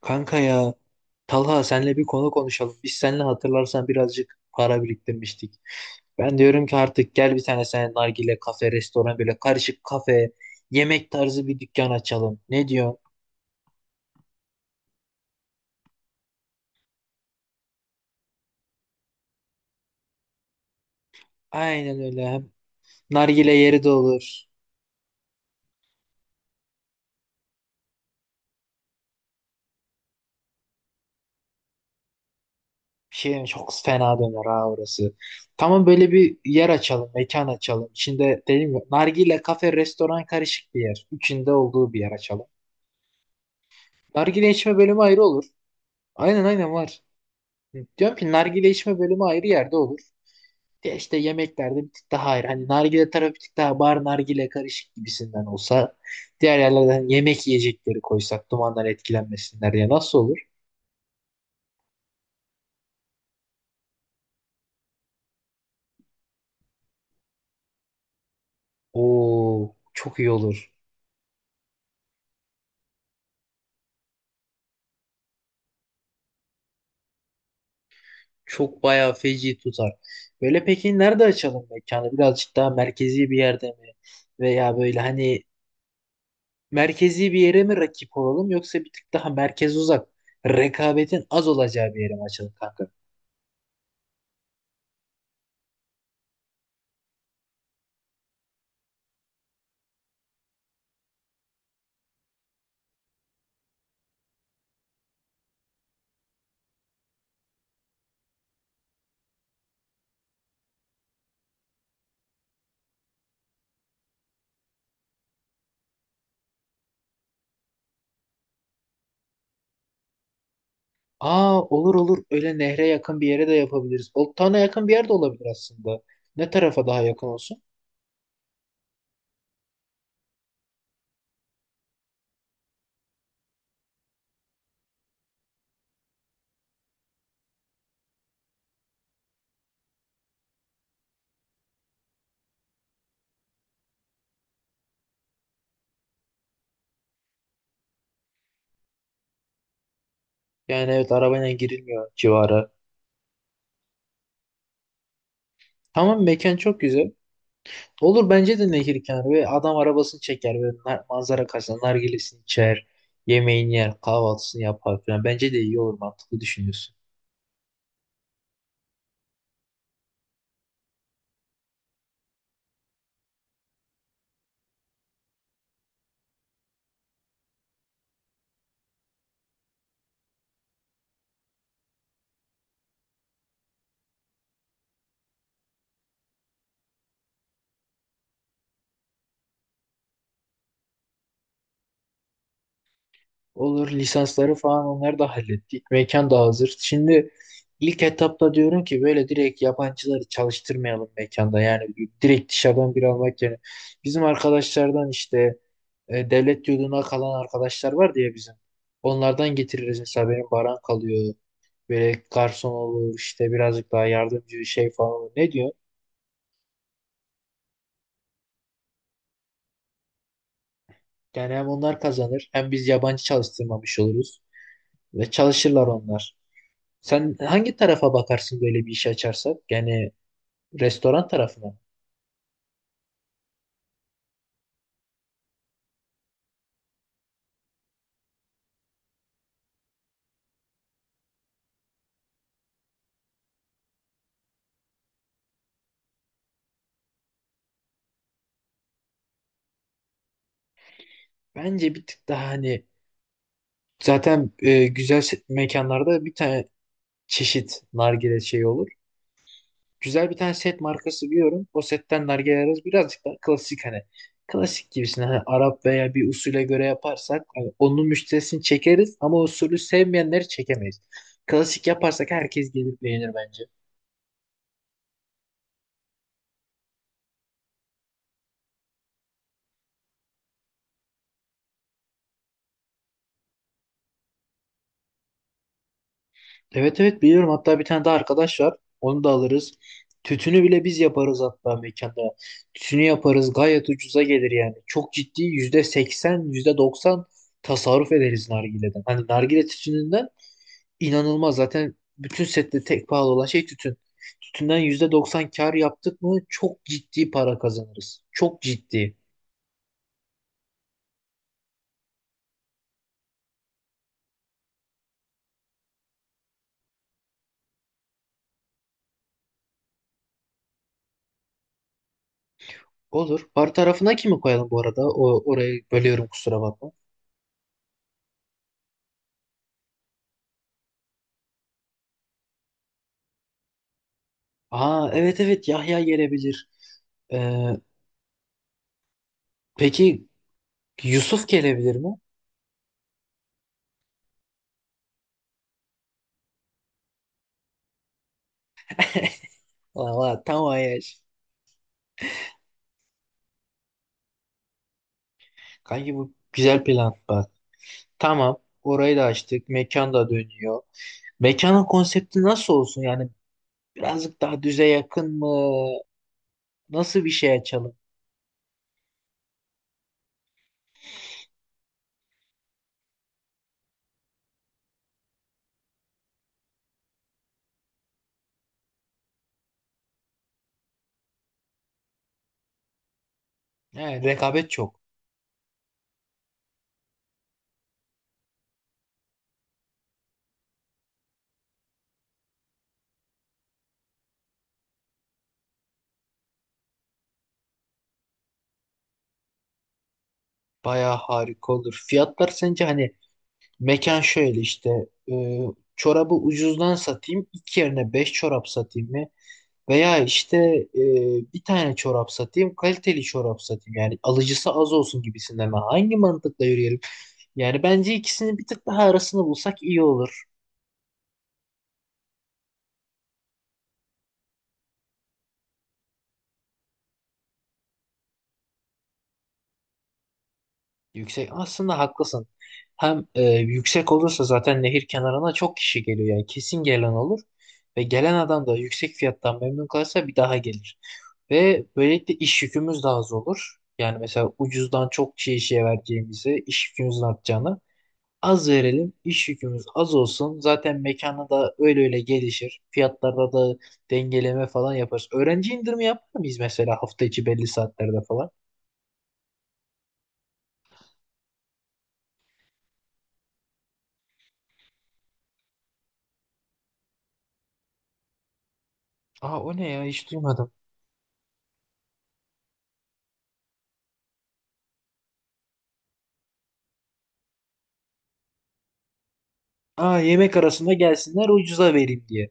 Kanka ya Talha senle bir konu konuşalım. Biz seninle hatırlarsan birazcık para biriktirmiştik. Ben diyorum ki artık gel bir tane sen nargile kafe, restoran böyle karışık kafe, yemek tarzı bir dükkan açalım. Ne diyorsun? Aynen öyle. Hem nargile yeri de olur. Bir şey çok fena döner ha orası. Tamam böyle bir yer açalım, mekan açalım. İçinde dedim ya nargile kafe, restoran karışık bir yer. Üçünde olduğu bir yer açalım. Nargile içme bölümü ayrı olur. Aynen aynen var. Diyorum ki nargile içme bölümü ayrı yerde olur. Ya işte yemeklerde bir tık daha ayrı. Hani nargile tarafı bir tık daha bar nargile karışık gibisinden olsa diğer yerlerden yemek yiyecekleri koysak dumandan etkilenmesinler ya nasıl olur? Oo çok iyi olur. Çok bayağı feci tutar. Böyle peki nerede açalım mekanı? Birazcık daha merkezi bir yerde mi? Veya böyle hani merkezi bir yere mi rakip olalım yoksa bir tık daha merkez uzak rekabetin az olacağı bir yere mi açalım kanka? Aa olur olur. Öyle nehre yakın bir yere de yapabiliriz. Oltana yakın bir yer de olabilir aslında. Ne tarafa daha yakın olsun? Yani evet arabayla girilmiyor civara. Tamam mekan çok güzel. Olur bence de nehir kenarı ve adam arabasını çeker ve manzara karşısında nargilesini içer, yemeğini yer, kahvaltısını yapar falan. Bence de iyi olur mantıklı düşünüyorsun. Olur lisansları falan onları da hallettik. Mekan da hazır. Şimdi ilk etapta diyorum ki böyle direkt yabancıları çalıştırmayalım mekanda. Yani direkt dışarıdan bir almak yerine. Bizim arkadaşlardan işte devlet yurduna kalan arkadaşlar var diye bizim. Onlardan getiririz mesela benim Baran kalıyor. Böyle garson olur işte birazcık daha yardımcı şey falan olur. Ne diyor? Yani hem onlar kazanır hem biz yabancı çalıştırmamış oluruz. Ve çalışırlar onlar. Sen hangi tarafa bakarsın böyle bir iş açarsak? Yani restoran tarafına. Mı? Bence bir tık daha hani zaten güzel mekanlarda bir tane çeşit nargile şey olur. Güzel bir tane set markası biliyorum. O setten nargile ararız. Birazcık daha klasik hani. Klasik gibisine hani Arap veya bir usule göre yaparsak hani onun müşterisini çekeriz ama usulü sevmeyenleri çekemeyiz. Klasik yaparsak herkes gelip beğenir bence. Evet evet biliyorum. Hatta bir tane de arkadaş var. Onu da alırız. Tütünü bile biz yaparız hatta mekanda. Tütünü yaparız. Gayet ucuza gelir yani. Çok ciddi %80, yüzde doksan tasarruf ederiz nargileden. Hani nargile tütününden inanılmaz. Zaten bütün sette tek pahalı olan şey tütün. Tütünden %90 kar yaptık mı çok ciddi para kazanırız. Çok ciddi. Olur. Bar tarafına kimi koyalım bu arada? Orayı bölüyorum kusura bakma. Aa evet evet Yahya gelebilir. Ee, Peki Yusuf gelebilir mi? Valla tamam Ayaz. Kanki bu güzel plan bak. Tamam orayı da açtık. Mekan da dönüyor. Mekanın konsepti nasıl olsun? Yani birazcık daha düze yakın mı? Nasıl bir şey açalım? He, rekabet çok. Bayağı harika olur. Fiyatlar sence hani mekan şöyle işte e, çorabı ucuzdan satayım. İki yerine beş çorap satayım mı? Veya işte bir tane çorap satayım, kaliteli çorap satayım. Yani alıcısı az olsun gibisinden. Ben hangi mantıkla yürüyelim? Yani bence ikisinin bir tık daha arasını bulsak iyi olur. Yüksek aslında haklısın. Hem yüksek olursa zaten nehir kenarına çok kişi geliyor yani kesin gelen olur ve gelen adam da yüksek fiyattan memnun kalırsa bir daha gelir. Ve böylelikle iş yükümüz daha az olur. Yani mesela ucuzdan çok kişiye işe vereceğimizi, iş yükümüzün artacağını az verelim, iş yükümüz az olsun. Zaten mekanı da öyle öyle gelişir. Fiyatlarda da dengeleme falan yaparız. Öğrenci indirimi yapar mıyız mesela hafta içi belli saatlerde falan? Aa o ne ya hiç duymadım. Aa yemek arasında gelsinler ucuza vereyim diye.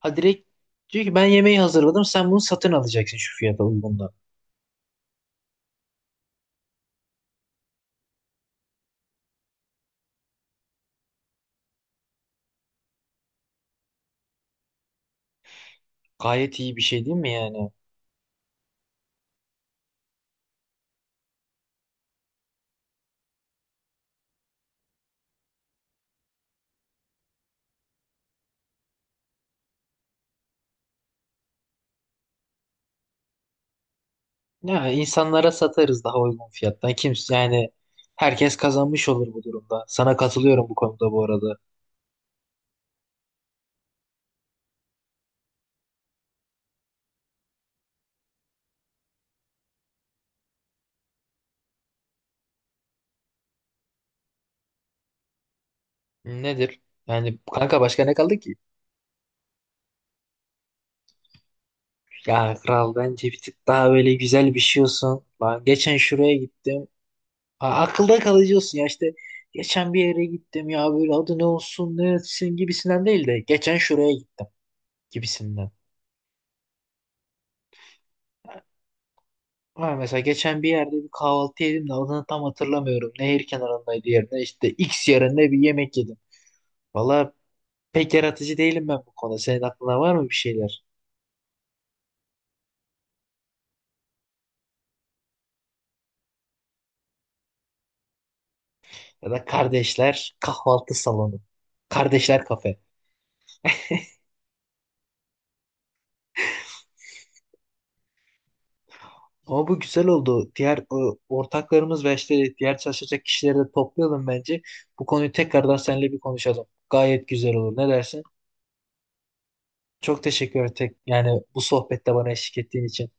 Ha direkt diyor ki ben yemeği hazırladım sen bunu satın alacaksın şu fiyata uygundan. Gayet iyi bir şey değil mi yani? Ya insanlara satarız daha uygun fiyattan. Kimse yani herkes kazanmış olur bu durumda. Sana katılıyorum bu konuda bu arada. Nedir? Yani kanka başka ne kaldı ki? Ya kral bence bir tık daha böyle güzel bir şey olsun. Lan geçen şuraya gittim. Akılda kalıcı olsun ya işte. Geçen bir yere gittim ya böyle adı ne olsun ne etsin gibisinden değil de. Geçen şuraya gittim gibisinden. Ama mesela geçen bir yerde bir kahvaltı yedim de adını tam hatırlamıyorum. Nehir kenarındaydı yerine işte X yerinde bir yemek yedim. Valla pek yaratıcı değilim ben bu konuda. Senin aklına var mı bir şeyler? Ya da kardeşler kahvaltı salonu. Kardeşler kafe. Ama bu güzel oldu. Diğer ortaklarımız ve işte diğer çalışacak kişileri de toplayalım bence. Bu konuyu tekrardan seninle bir konuşalım. Gayet güzel olur. Ne dersin? Çok teşekkür tek yani bu sohbette bana eşlik ettiğin için.